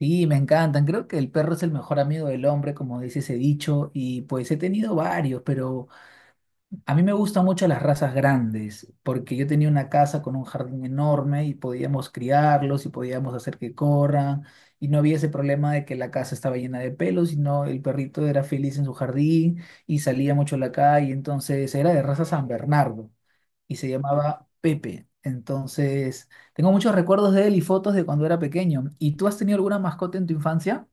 Sí, me encantan. Creo que el perro es el mejor amigo del hombre, como dice ese dicho, y pues he tenido varios, pero a mí me gustan mucho las razas grandes, porque yo tenía una casa con un jardín enorme y podíamos criarlos y podíamos hacer que corran, y no había ese problema de que la casa estaba llena de pelos, sino el perrito era feliz en su jardín y salía mucho a la calle, entonces era de raza San Bernardo y se llamaba Pepe. Entonces, tengo muchos recuerdos de él y fotos de cuando era pequeño. ¿Y tú has tenido alguna mascota en tu infancia?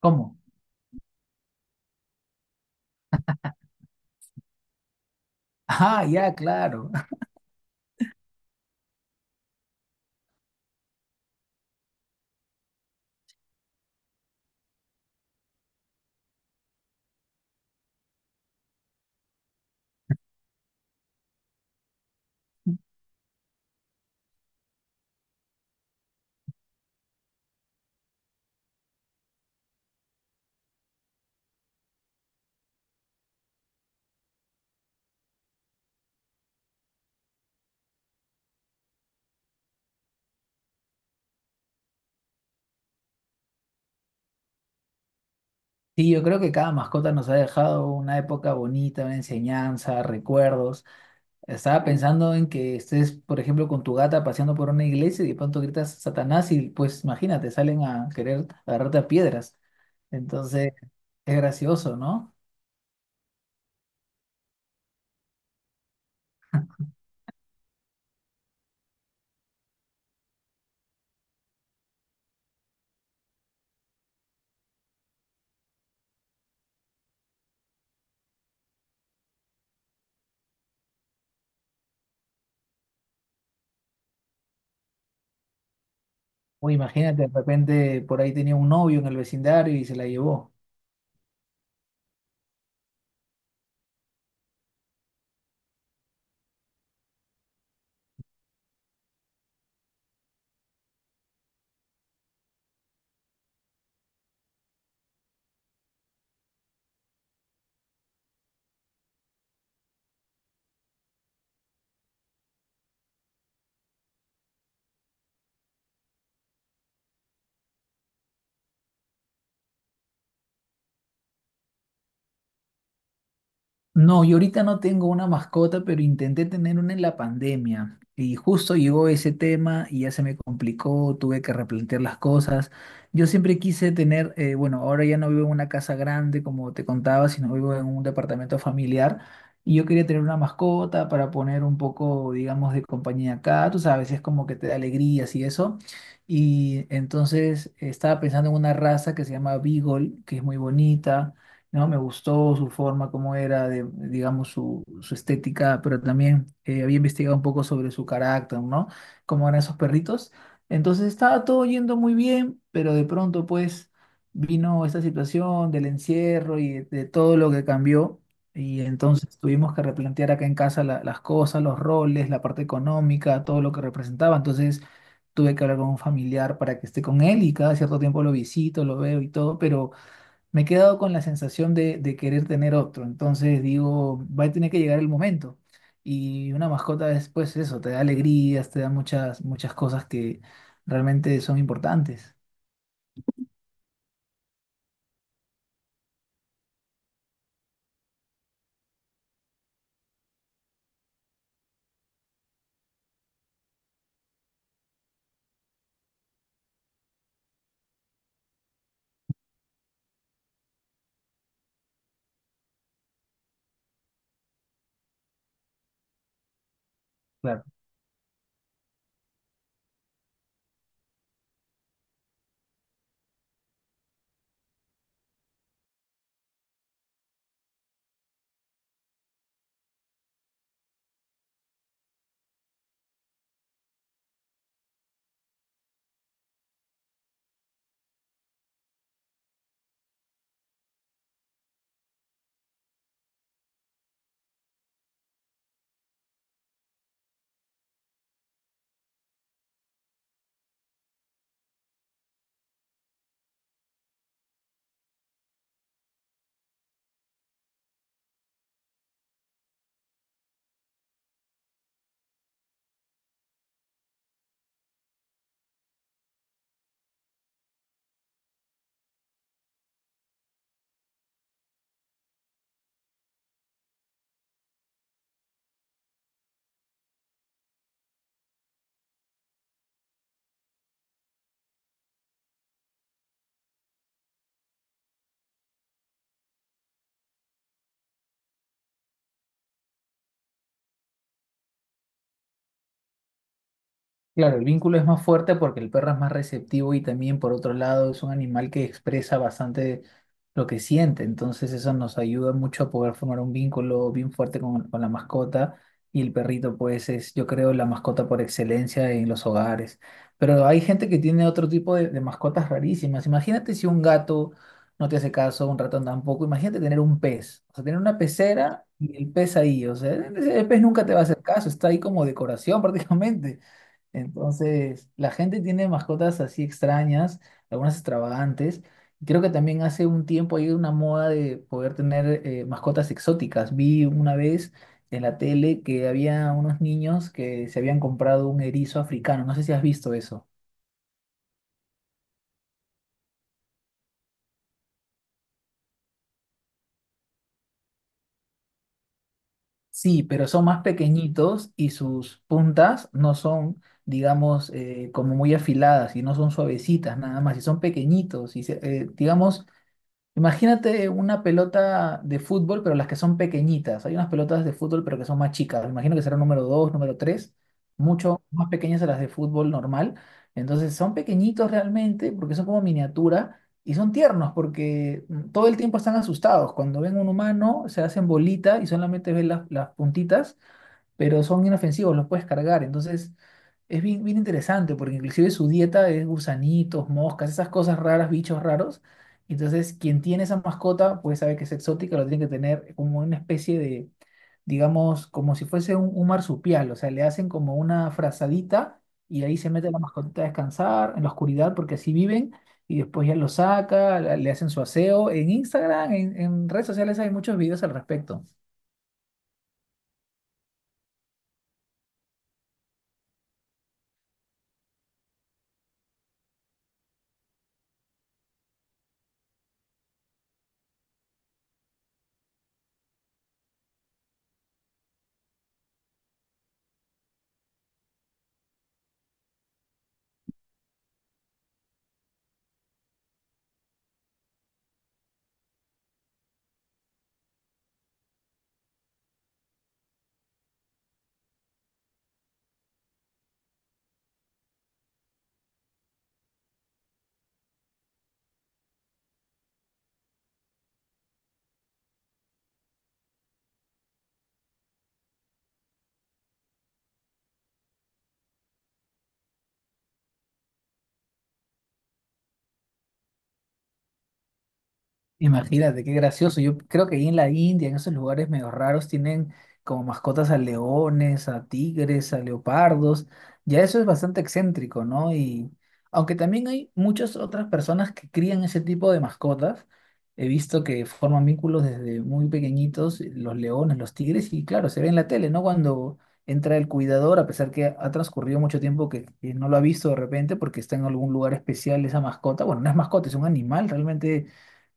¿Cómo? Ah, ya, claro. Sí, yo creo que cada mascota nos ha dejado una época bonita, una enseñanza, recuerdos. Estaba pensando en que estés, por ejemplo, con tu gata paseando por una iglesia y de pronto gritas Satanás y pues imagínate, salen a querer agarrarte a piedras. Entonces, es gracioso, ¿no? O imagínate, de repente por ahí tenía un novio en el vecindario y se la llevó. No, yo ahorita no tengo una mascota, pero intenté tener una en la pandemia. Y justo llegó ese tema y ya se me complicó, tuve que replantear las cosas. Yo siempre quise tener, bueno, ahora ya no vivo en una casa grande, como te contaba, sino vivo en un departamento familiar. Y yo quería tener una mascota para poner un poco, digamos, de compañía acá. Tú sabes, es como que te da alegrías y eso. Y entonces estaba pensando en una raza que se llama Beagle, que es muy bonita, ¿no? Me gustó su forma, cómo era, de, digamos, su estética, pero también había investigado un poco sobre su carácter, ¿no? Cómo eran esos perritos. Entonces estaba todo yendo muy bien, pero de pronto, pues, vino esta situación del encierro y de todo lo que cambió. Y entonces tuvimos que replantear acá en casa las cosas, los roles, la parte económica, todo lo que representaba. Entonces tuve que hablar con un familiar para que esté con él y cada cierto tiempo lo visito, lo veo y todo, pero me he quedado con la sensación de querer tener otro. Entonces digo, va a tener que llegar el momento. Y una mascota después eso, te da alegrías, te da muchas, muchas cosas que realmente son importantes. Claro, el vínculo es más fuerte porque el perro es más receptivo y también por otro lado es un animal que expresa bastante lo que siente, entonces eso nos ayuda mucho a poder formar un vínculo bien fuerte con la mascota y el perrito pues es yo creo la mascota por excelencia en los hogares, pero hay gente que tiene otro tipo de mascotas rarísimas, imagínate si un gato no te hace caso, un ratón tampoco, imagínate tener un pez, o sea, tener una pecera y el pez ahí, o sea, el pez nunca te va a hacer caso, está ahí como decoración prácticamente. Entonces, la gente tiene mascotas así extrañas, algunas extravagantes. Creo que también hace un tiempo hay una moda de poder tener mascotas exóticas. Vi una vez en la tele que había unos niños que se habían comprado un erizo africano. No sé si has visto eso. Sí, pero son más pequeñitos y sus puntas no son, digamos, como muy afiladas y no son suavecitas nada más, y son pequeñitos. Digamos, imagínate una pelota de fútbol, pero las que son pequeñitas. Hay unas pelotas de fútbol, pero que son más chicas. Me imagino que será número 2, número 3, mucho más pequeñas a las de fútbol normal. Entonces son pequeñitos realmente porque son como miniatura y son tiernos porque todo el tiempo están asustados. Cuando ven un humano se hacen bolita y solamente ven las puntitas, pero son inofensivos, los puedes cargar. Entonces, es bien, bien interesante porque inclusive su dieta es gusanitos, moscas, esas cosas raras, bichos raros. Entonces, quien tiene esa mascota, pues sabe que es exótica, lo tiene que tener como una especie de, digamos, como si fuese un marsupial, o sea, le hacen como una frazadita y ahí se mete la mascotita a descansar en la oscuridad porque así viven y después ya lo saca, le hacen su aseo. En Instagram, en redes sociales hay muchos videos al respecto. Imagínate, qué gracioso. Yo creo que ahí en la India, en esos lugares medio raros, tienen como mascotas a leones, a tigres, a leopardos. Ya eso es bastante excéntrico, ¿no? Y aunque también hay muchas otras personas que crían ese tipo de mascotas, he visto que forman vínculos desde muy pequeñitos, los leones, los tigres, y claro, se ve en la tele, ¿no? Cuando entra el cuidador, a pesar que ha transcurrido mucho tiempo que no lo ha visto de repente porque está en algún lugar especial esa mascota. Bueno, no es mascota, es un animal realmente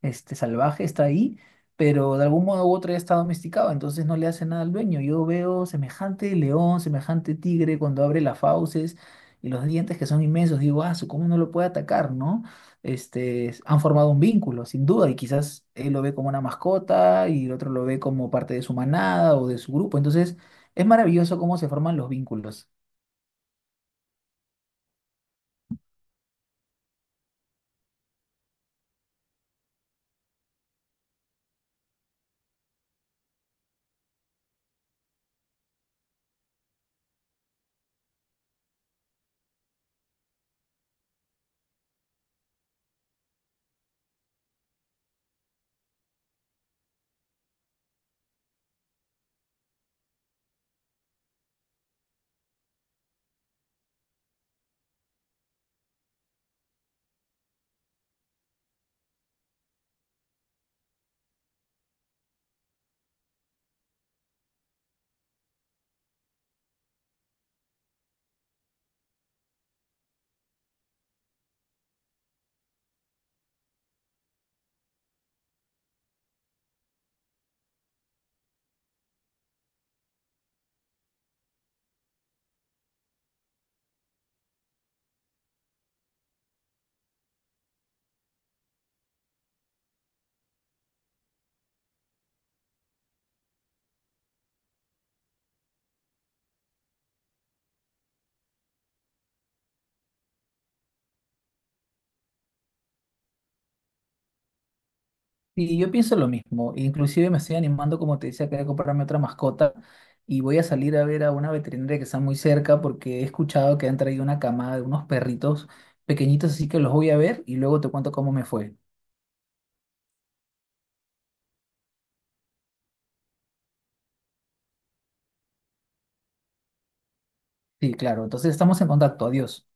salvaje, está ahí, pero de algún modo u otro ya está domesticado, entonces no le hace nada al dueño. Yo veo semejante león, semejante tigre cuando abre las fauces y los dientes que son inmensos, digo, ah, su, ¿cómo no lo puede atacar, no? Han formado un vínculo, sin duda, y quizás él lo ve como una mascota y el otro lo ve como parte de su manada o de su grupo, entonces es maravilloso cómo se forman los vínculos. Y yo pienso lo mismo, inclusive me estoy animando, como te decía, que voy a comprarme otra mascota y voy a salir a ver a una veterinaria que está muy cerca porque he escuchado que han traído una camada de unos perritos pequeñitos, así que los voy a ver y luego te cuento cómo me fue. Sí, claro, entonces estamos en contacto, adiós.